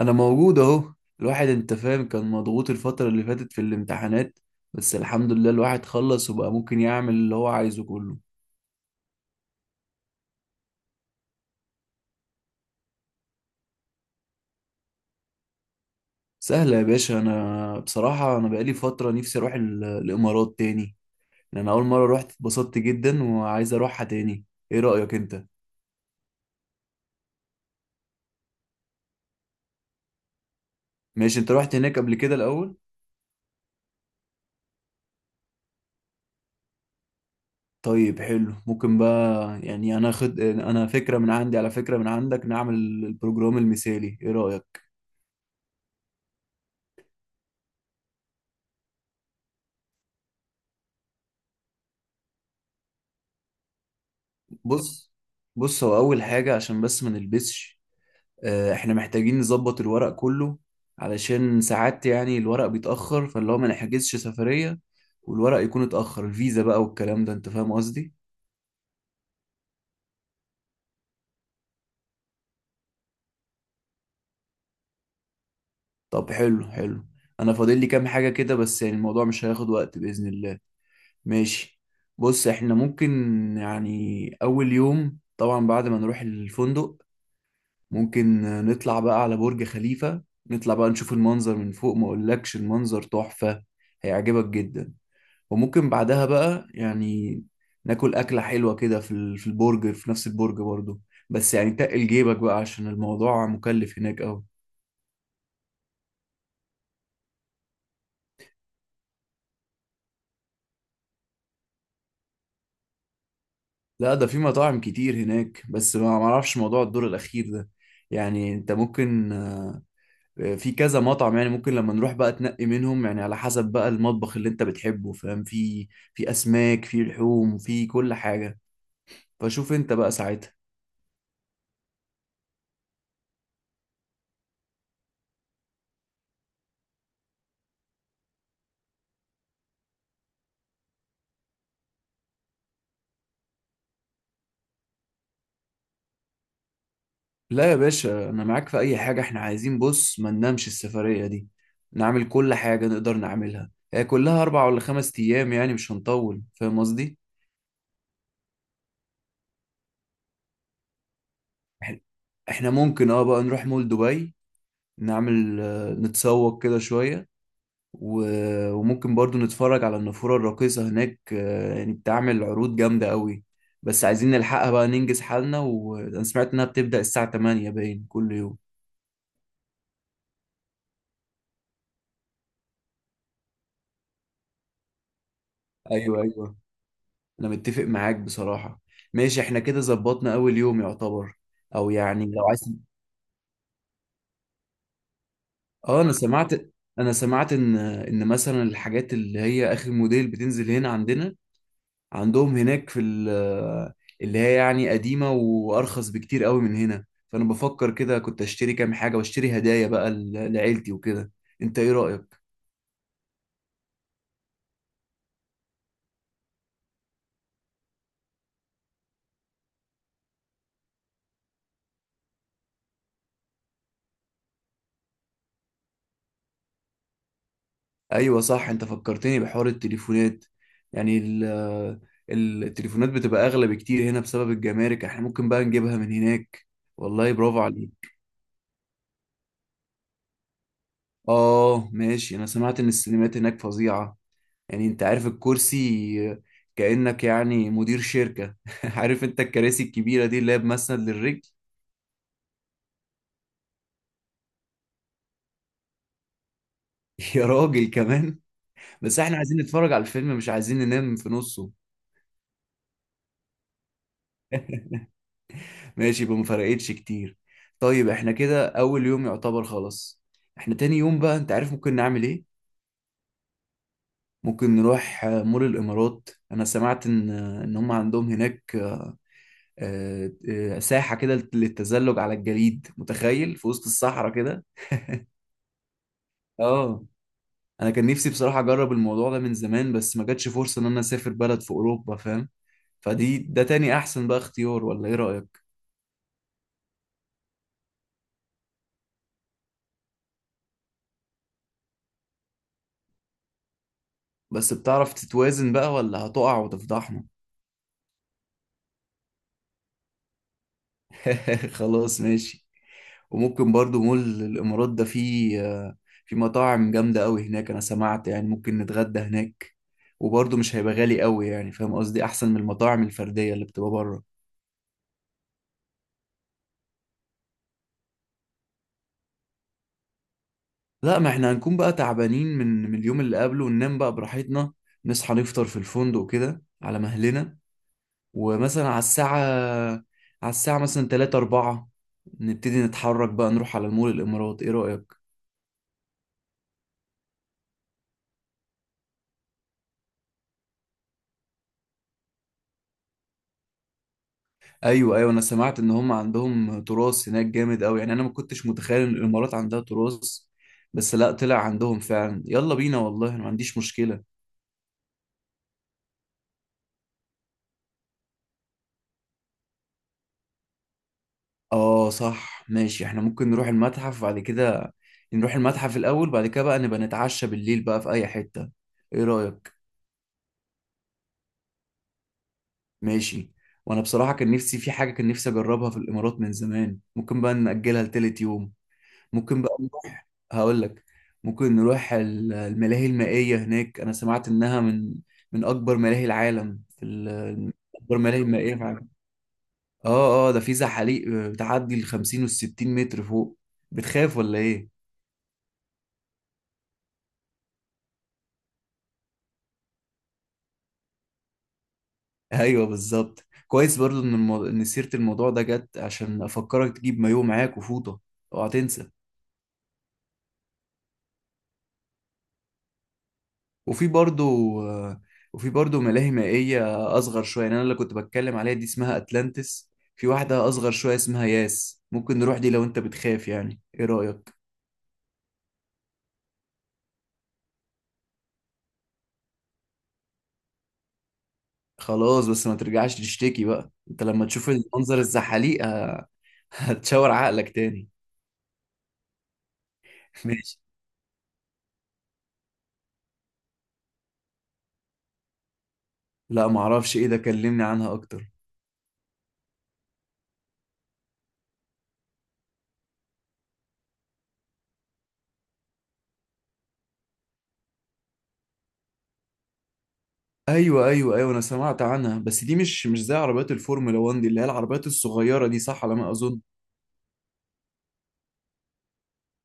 انا موجود اهو. الواحد انت فاهم كان مضغوط الفترة اللي فاتت في الامتحانات، بس الحمد لله الواحد خلص وبقى ممكن يعمل اللي هو عايزه كله. سهلة يا باشا، انا بصراحة انا بقالي فترة نفسي اروح الامارات تاني، لأن انا اول مرة رحت اتبسطت جدا وعايز اروحها تاني. ايه رأيك انت؟ ماشي، انت رحت هناك قبل كده الاول؟ طيب حلو، ممكن بقى يعني انا خد انا فكرة من عندي، على فكرة من عندك، نعمل البروجرام المثالي، ايه رأيك؟ بص بص، هو اول حاجة عشان بس ما نلبسش، احنا محتاجين نظبط الورق كله، علشان ساعات يعني الورق بيتأخر، فاللي هو ما نحجزش سفرية والورق يكون اتأخر الفيزا بقى والكلام ده، انت فاهم قصدي. طب حلو حلو، انا فاضل لي كام حاجة كده، بس يعني الموضوع مش هياخد وقت بإذن الله. ماشي، بص احنا ممكن يعني اول يوم طبعا بعد ما نروح الفندق، ممكن نطلع بقى على برج خليفة، نطلع بقى نشوف المنظر من فوق، ما اقولكش المنظر تحفة، هيعجبك جدا. وممكن بعدها بقى يعني ناكل أكلة حلوة كده في البرج، في نفس البرج برضو، بس يعني تقل جيبك بقى عشان الموضوع مكلف هناك أوي. لا ده في مطاعم كتير هناك، بس ما معرفش موضوع الدور الأخير ده، يعني انت ممكن في كذا مطعم، يعني ممكن لما نروح بقى تنقي منهم يعني على حسب بقى المطبخ اللي انت بتحبه، فاهم؟ في أسماك، في لحوم، في كل حاجة، فشوف انت بقى ساعتها. لا يا باشا، انا معاك في اي حاجه، احنا عايزين بص ما ننامش السفريه دي، نعمل كل حاجه نقدر نعملها. هي كلها اربع ولا خمس ايام، يعني مش هنطول، فاهم قصدي. إح- احنا ممكن اه بقى نروح مول دبي، نعمل نتسوق كده شويه، وممكن برضو نتفرج على النافوره الراقصه هناك. يعني بتعمل عروض جامده قوي، بس عايزين نلحقها بقى ننجز حالنا، وانا سمعت انها بتبدا الساعه 8 باين كل يوم. ايوه ايوه، انا متفق معاك بصراحة. ماشي، احنا كده ظبطنا اول يوم يعتبر. او يعني لو عايز، اه انا سمعت، ان مثلا الحاجات اللي هي اخر موديل بتنزل هنا عندنا، عندهم هناك اللي هي يعني قديمة وارخص بكتير قوي من هنا، فانا بفكر كده كنت اشتري كام حاجة واشتري هدايا بقى لعيلتي وكده. انت ايه رأيك؟ ايوه صح، انت فكرتني بحوار التليفونات، يعني ال التليفونات بتبقى اغلى بكتير هنا بسبب الجمارك، احنا ممكن بقى نجيبها من هناك. والله برافو عليك. اه ماشي، انا سمعت ان السينمات هناك فظيعة، يعني انت عارف الكرسي كأنك يعني مدير شركة عارف انت الكراسي الكبيرة دي اللي هي بمسند للرجل. يا راجل كمان، بس احنا عايزين نتفرج على الفيلم، مش عايزين ننام في نصه. ماشي، يبقى ما فرقتش كتير. طيب احنا كده اول يوم يعتبر خلاص، احنا تاني يوم بقى انت عارف ممكن نعمل ايه؟ ممكن نروح مول الامارات، انا سمعت ان هم عندهم هناك ساحة كده للتزلج على الجليد، متخيل في وسط الصحراء كده. اه انا كان نفسي بصراحة اجرب الموضوع ده من زمان، بس ما جاتش فرصة ان انا اسافر بلد في اوروبا، فاهم؟ فدي ده تاني احسن بقى اختيار، ولا ايه رأيك؟ بس بتعرف تتوازن بقى، ولا هتقع وتفضحنا؟ خلاص ماشي. وممكن برضو مول الإمارات ده فيه في مطاعم جامدة أوي هناك، أنا سمعت، يعني ممكن نتغدى هناك، وبرضو مش هيبقى غالي أوي، يعني فاهم قصدي، أحسن من المطاعم الفردية اللي بتبقى بره. لا ما احنا هنكون بقى تعبانين من اليوم اللي قبله، وننام بقى براحتنا، نصحى نفطر في الفندق كده على مهلنا، ومثلا على الساعة، مثلا 3 4 نبتدي نتحرك بقى، نروح على المول الإمارات، إيه رأيك؟ ايوه ايوه، انا سمعت ان هم عندهم تراث هناك جامد قوي، يعني انا ما كنتش متخيل ان الامارات عندها تراث، بس لا طلع عندهم فعلا، يلا بينا، والله انا ما عنديش مشكلة. اه صح ماشي، احنا ممكن نروح المتحف بعد كده، نروح المتحف الاول بعد كده بقى نبقى نتعشى بالليل بقى في اي حتة، ايه رأيك؟ ماشي. وانا بصراحة كان نفسي في حاجة، كان نفسي اجربها في الامارات من زمان، ممكن بقى نأجلها لتالت يوم. ممكن بقى نروح، هقول لك، ممكن نروح الملاهي المائية هناك، أنا سمعت إنها من أكبر ملاهي العالم، أكبر ملاهي مائية في العالم. ده في زحاليق بتعدي ال 50 وال 60 متر فوق، بتخاف ولا إيه؟ أيوه بالظبط، كويس برضو إن سيرة الموضوع ده جت عشان أفكرك تجيب مايوه معاك وفوطة، أوعى تنسى. وفي برضو وفي برضو ملاهي مائية أصغر شوية، يعني أنا اللي كنت بتكلم عليها دي اسمها أتلانتس، في واحدة أصغر شوية اسمها ياس، ممكن نروح دي لو أنت بتخاف، يعني إيه رأيك؟ خلاص، بس ما ترجعش تشتكي بقى أنت لما تشوف المنظر الزحاليق هتشاور عقلك تاني. ماشي. لا معرفش إيه ده، كلمني عنها أكتر. أيوة أيوة أيوة، أنا سمعت عنها، بس دي مش زي عربيات الفورمولا 1، دي اللي هي العربيات الصغيرة دي، صح على ما أظن؟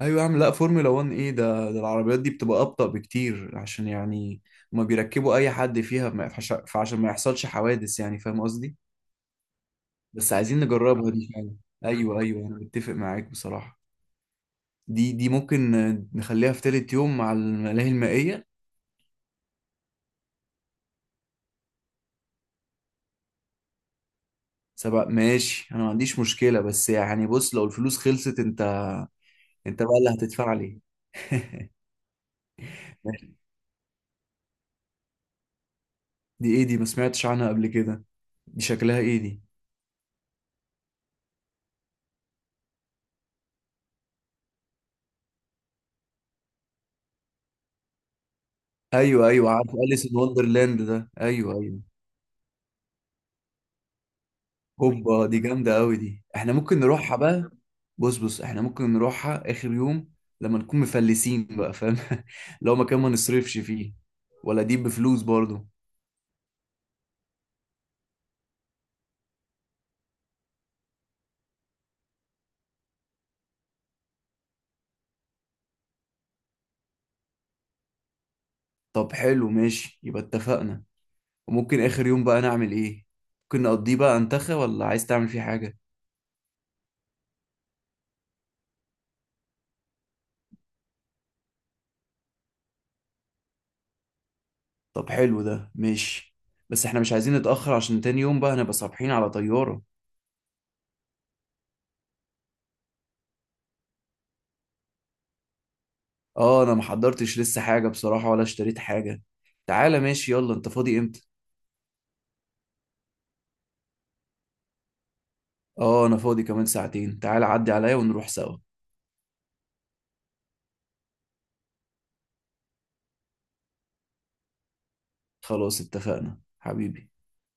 ايوه يا عم، لا فورمولا 1 ايه، ده العربيات دي بتبقى ابطأ بكتير، عشان يعني ما بيركبوا اي حد فيها، ما يفحش- فعشان ما يحصلش حوادث، يعني فاهم قصدي. بس عايزين نجربها دي فعلا. ايوه ايوه، انا متفق معاك بصراحة. دي ممكن نخليها في تالت يوم مع الملاهي المائية. سبق ماشي، انا ما عنديش مشكلة، بس يعني بص لو الفلوس خلصت انت، انت بقى اللي هتدفع لي. دي ايه دي؟ ما سمعتش عنها قبل كده، دي شكلها ايه دي؟ ايوه ايوه عارف، أليس ان وندرلاند ده، ايوه ايوه. هوبا، دي جامدة أوي دي، احنا ممكن نروحها بقى. بص بص، احنا ممكن نروحها آخر يوم، لما نكون مفلسين بقى فاهم لو مكان ما نصرفش فيه، ولا دي بفلوس برضو؟ طب حلو ماشي، يبقى اتفقنا. وممكن آخر يوم بقى نعمل ايه؟ ممكن نقضيه بقى انتخى، ولا عايز تعمل فيه حاجة؟ طب حلو ده ماشي، بس احنا مش عايزين نتأخر عشان تاني يوم بقى هنبقى صابحين على طيارة. اه انا محضرتش لسه حاجة بصراحة ولا اشتريت حاجة، تعالى ماشي يلا، انت فاضي امتى؟ اه انا فاضي كمان ساعتين، تعال عدي عليا ونروح سوا. خلاص اتفقنا حبيبي.